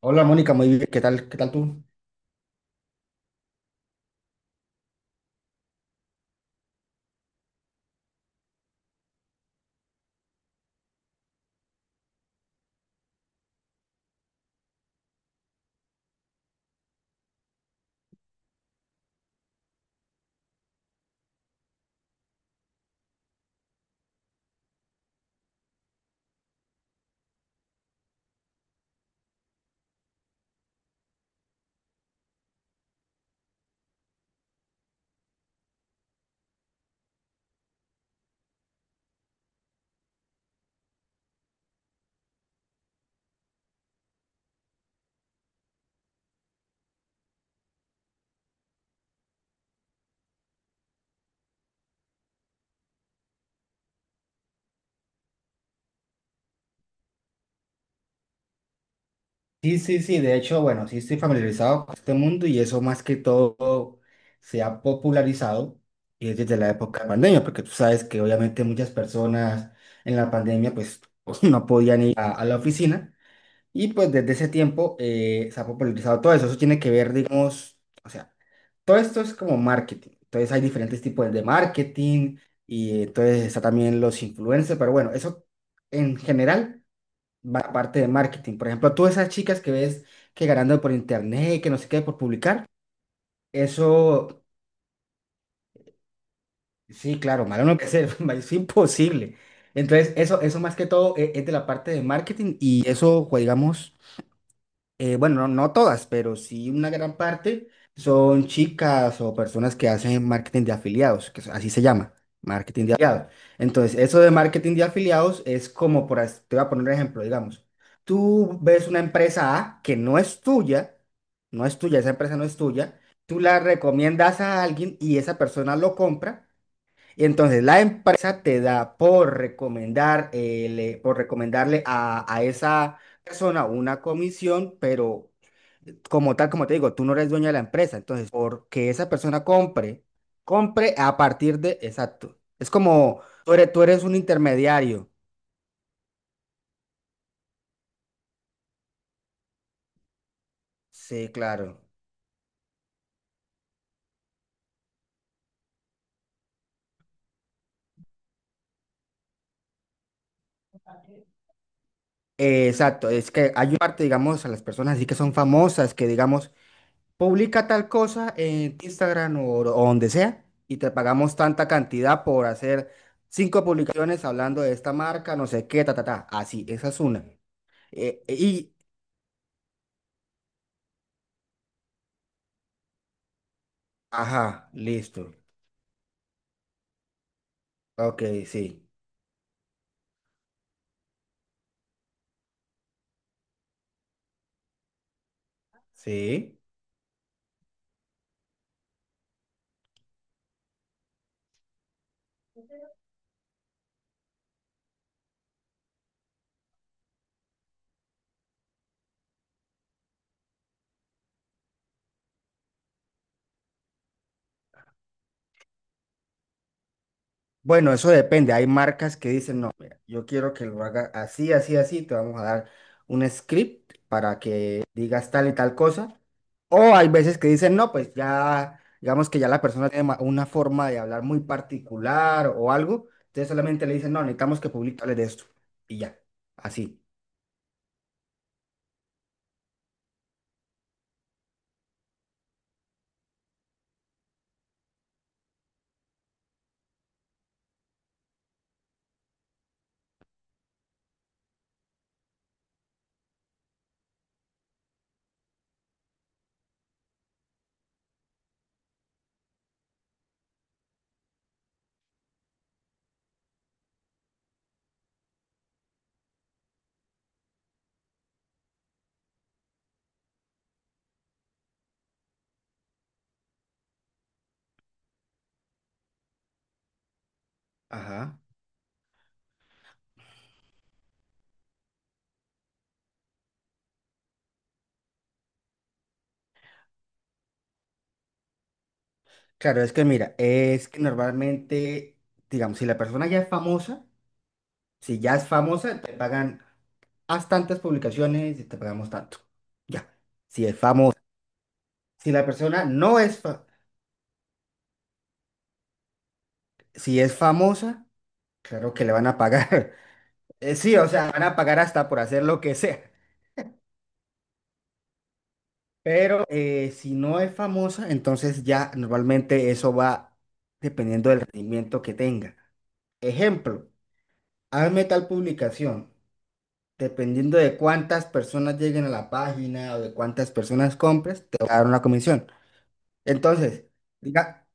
Hola Mónica, muy bien, ¿qué tal? ¿Qué tal tú? Sí, sí, sí, de hecho, bueno, sí estoy familiarizado con este mundo y eso más que todo se ha popularizado y es desde la época de pandemia, porque tú sabes que obviamente muchas personas en la pandemia pues no podían ir a la oficina y pues desde ese tiempo se ha popularizado todo eso, eso tiene que ver, digamos, o sea, todo esto es como marketing, entonces hay diferentes tipos de marketing y entonces está también los influencers, pero bueno, eso en general. Parte de marketing. Por ejemplo, tú esas chicas que ves que ganando por internet, que no sé qué, por publicar, eso, sí, claro, malo no puede ser, es imposible. Entonces, eso más que todo es, de la parte de marketing y eso, pues, digamos... bueno, no, no todas, pero sí una gran parte son chicas o personas que hacen marketing de afiliados, que así se llama, marketing de afiliados. Entonces, eso de marketing de afiliados es como, por, te voy a poner un ejemplo, digamos, tú ves una empresa A que no es tuya, no es tuya, esa empresa no es tuya, tú la recomiendas a alguien y esa persona lo compra. Y entonces la empresa te da por recomendar, por recomendarle a esa persona una comisión, pero como tal, como te digo, tú no eres dueño de la empresa. Entonces, porque esa persona compre, compre a partir de, exacto. Es como tú eres un intermediario. Sí, claro. Exacto. Es que hay una parte, digamos, a las personas así que son famosas, que digamos, publica tal cosa en Instagram o donde sea y te pagamos tanta cantidad por hacer cinco publicaciones hablando de esta marca, no sé qué, ta, ta, ta. Así, esa es una. Eh, y, ajá, listo. Ok, sí, sí. Bueno, eso depende. Hay marcas que dicen, no, mira, yo quiero que lo haga así, así, así. Te vamos a dar un script para que digas tal y tal cosa. O hay veces que dicen, no, pues ya, digamos que ya la persona tiene una forma de hablar muy particular o algo. Entonces solamente le dicen, no, necesitamos que publiques de esto. Y ya, así. Ajá. Claro, es que mira, es que normalmente, digamos, si la persona ya es famosa. Si ya es famosa, te pagan, haz tantas publicaciones y te pagamos tanto. Ya, si es famosa. Si la persona no es, si es famosa, claro que le van a pagar. Sí, o sea, van a pagar hasta por hacer lo que sea. Pero si no es famosa, entonces ya normalmente eso va dependiendo del rendimiento que tenga. Ejemplo, hazme tal publicación. Dependiendo de cuántas personas lleguen a la página o de cuántas personas compres, te va a dar una comisión. Entonces, diga,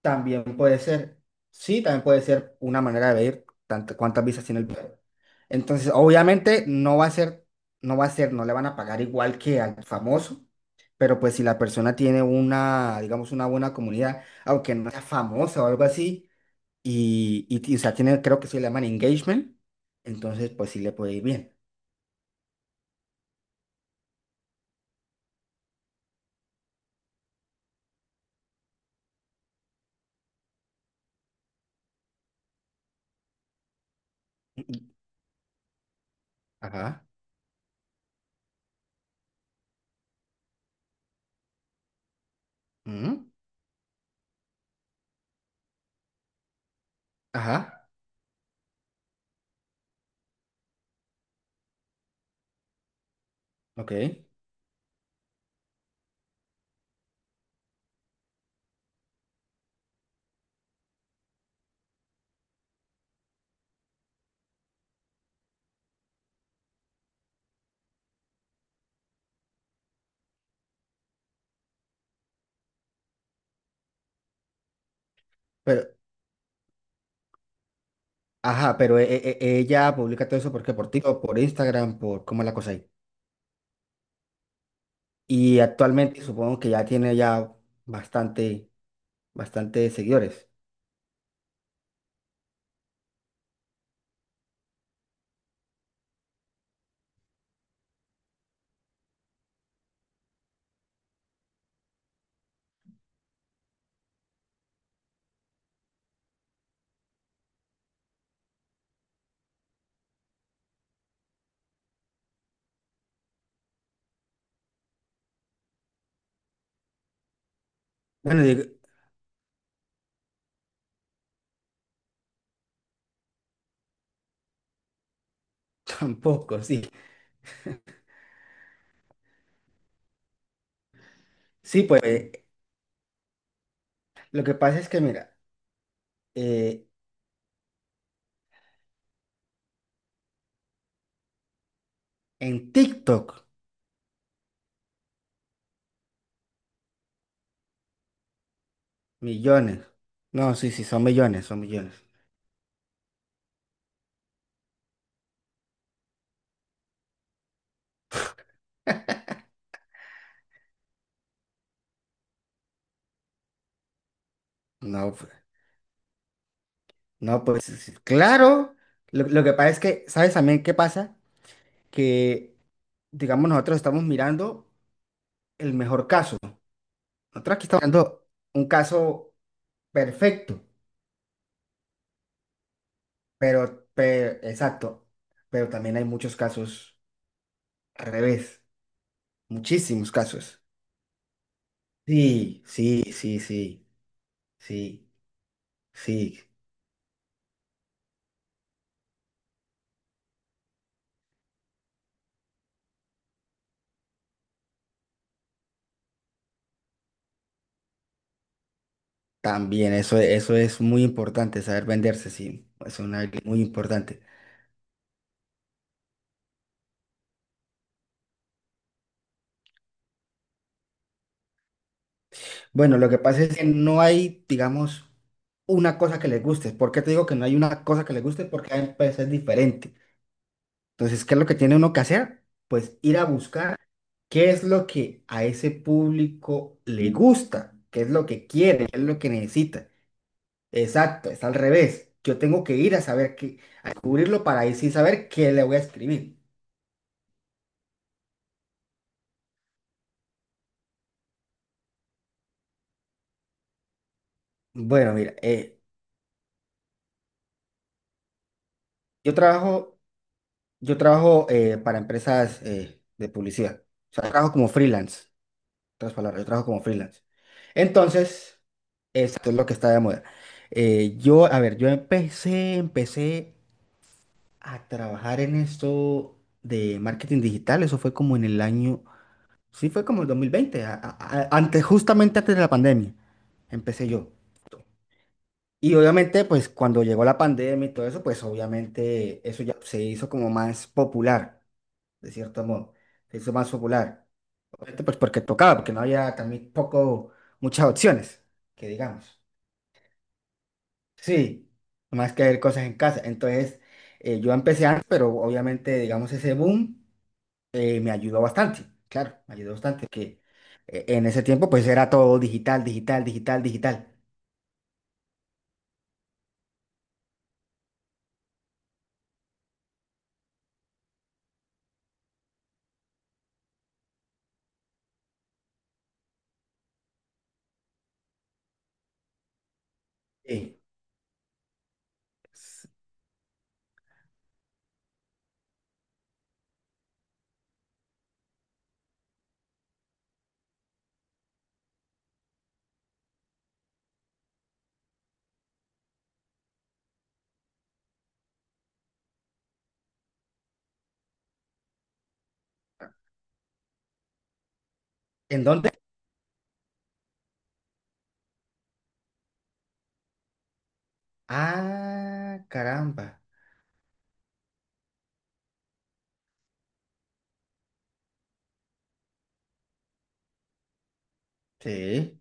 también puede ser, sí, también puede ser una manera de medir tantas cuántas visas tiene el video. Entonces, obviamente no va a ser, no va a ser, no le van a pagar igual que al famoso, pero pues si la persona tiene una, digamos, una buena comunidad, aunque no sea famosa o algo así, o sea, tiene, creo que se le llaman engagement, entonces pues sí le puede ir bien. Ajá. Ujú, ajá. Ok. Pero, ajá, pero ella publica todo eso porque por TikTok, por Instagram, por cómo es la cosa ahí. Y actualmente supongo que ya tiene ya bastante, bastante seguidores. Bueno, digo, tampoco, sí. Sí, pues lo que pasa es que mira, eh, en TikTok, millones. No, sí, sí, son millones, son millones. No, pues, no, pues sí, sí, claro. Lo que pasa es que, ¿sabes también qué pasa? Que, digamos, nosotros estamos mirando el mejor caso. Nosotros aquí estamos dando un caso perfecto, exacto, pero también hay muchos casos al revés, muchísimos casos. Sí, sí, sí, sí, sí, sí, también eso es muy importante, saber venderse, sí, es una habilidad muy importante. Bueno, lo que pasa es que no hay, digamos, una cosa que les guste. ¿Por qué te digo que no hay una cosa que les guste? Porque hay empresas diferentes. Entonces, ¿qué es lo que tiene uno que hacer? Pues ir a buscar qué es lo que a ese público le gusta, qué es lo que quiere, qué es lo que necesita. Exacto, es al revés. Yo tengo que ir a saber qué, a descubrirlo para ahí sí saber qué le voy a escribir. Bueno, mira, yo trabajo, yo trabajo para empresas de publicidad. O sea, trabajo como freelance. En otras palabras, yo trabajo como freelance. Entonces, esto es lo que está de moda. Yo, a ver, empecé a trabajar en esto de marketing digital. Eso fue como en el año, sí, fue como el 2020, antes, justamente antes de la pandemia, empecé yo. Y obviamente, pues cuando llegó la pandemia y todo eso, pues obviamente eso ya se hizo como más popular, de cierto modo. Se hizo más popular. Obviamente, pues porque tocaba, porque no había también poco, muchas opciones, que digamos. Sí, más que hacer cosas en casa. Entonces, yo empecé antes, pero obviamente, digamos, ese boom. Me ayudó bastante, claro, me ayudó bastante, que en ese tiempo pues era todo digital, digital, digital, digital. Sí. S- ¿En dónde? Ah, caramba. Sí,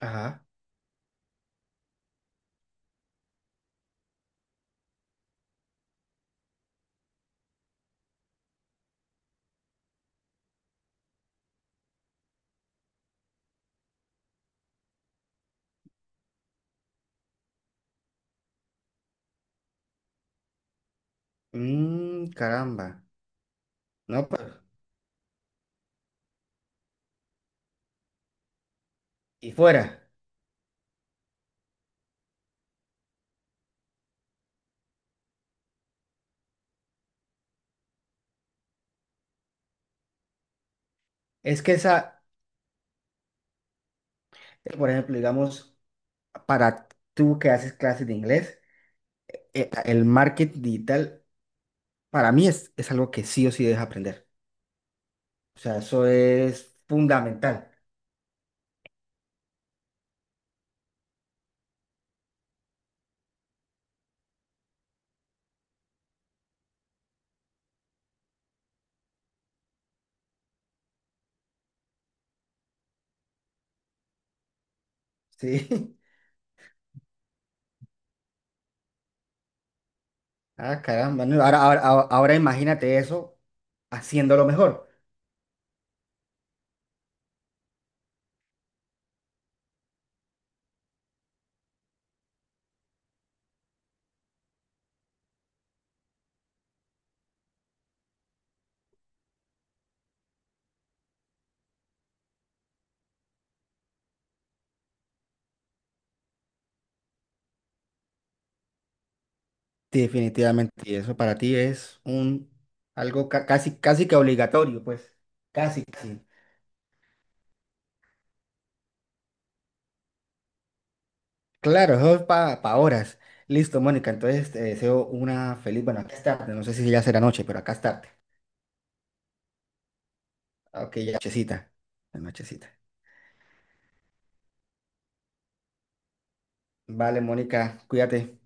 ajá. Mm, caramba. No, pues, y fuera. Es que esa, por ejemplo, digamos, para tú que haces clases de inglés, el marketing digital para mí es algo que sí o sí debes aprender. O sea, eso es fundamental. Sí. Ah, caramba. No, ahora, ahora, ahora imagínate eso haciéndolo mejor. Sí, definitivamente. Y eso para ti es un algo casi, casi que obligatorio, pues. Casi, casi. Claro, eso es para horas. Listo, Mónica. Entonces te deseo una feliz. Bueno, acá es tarde. No sé si ya será noche, pero acá es tarde. Ok, ya nochecita. Ya nochecita. Vale, Mónica, cuídate.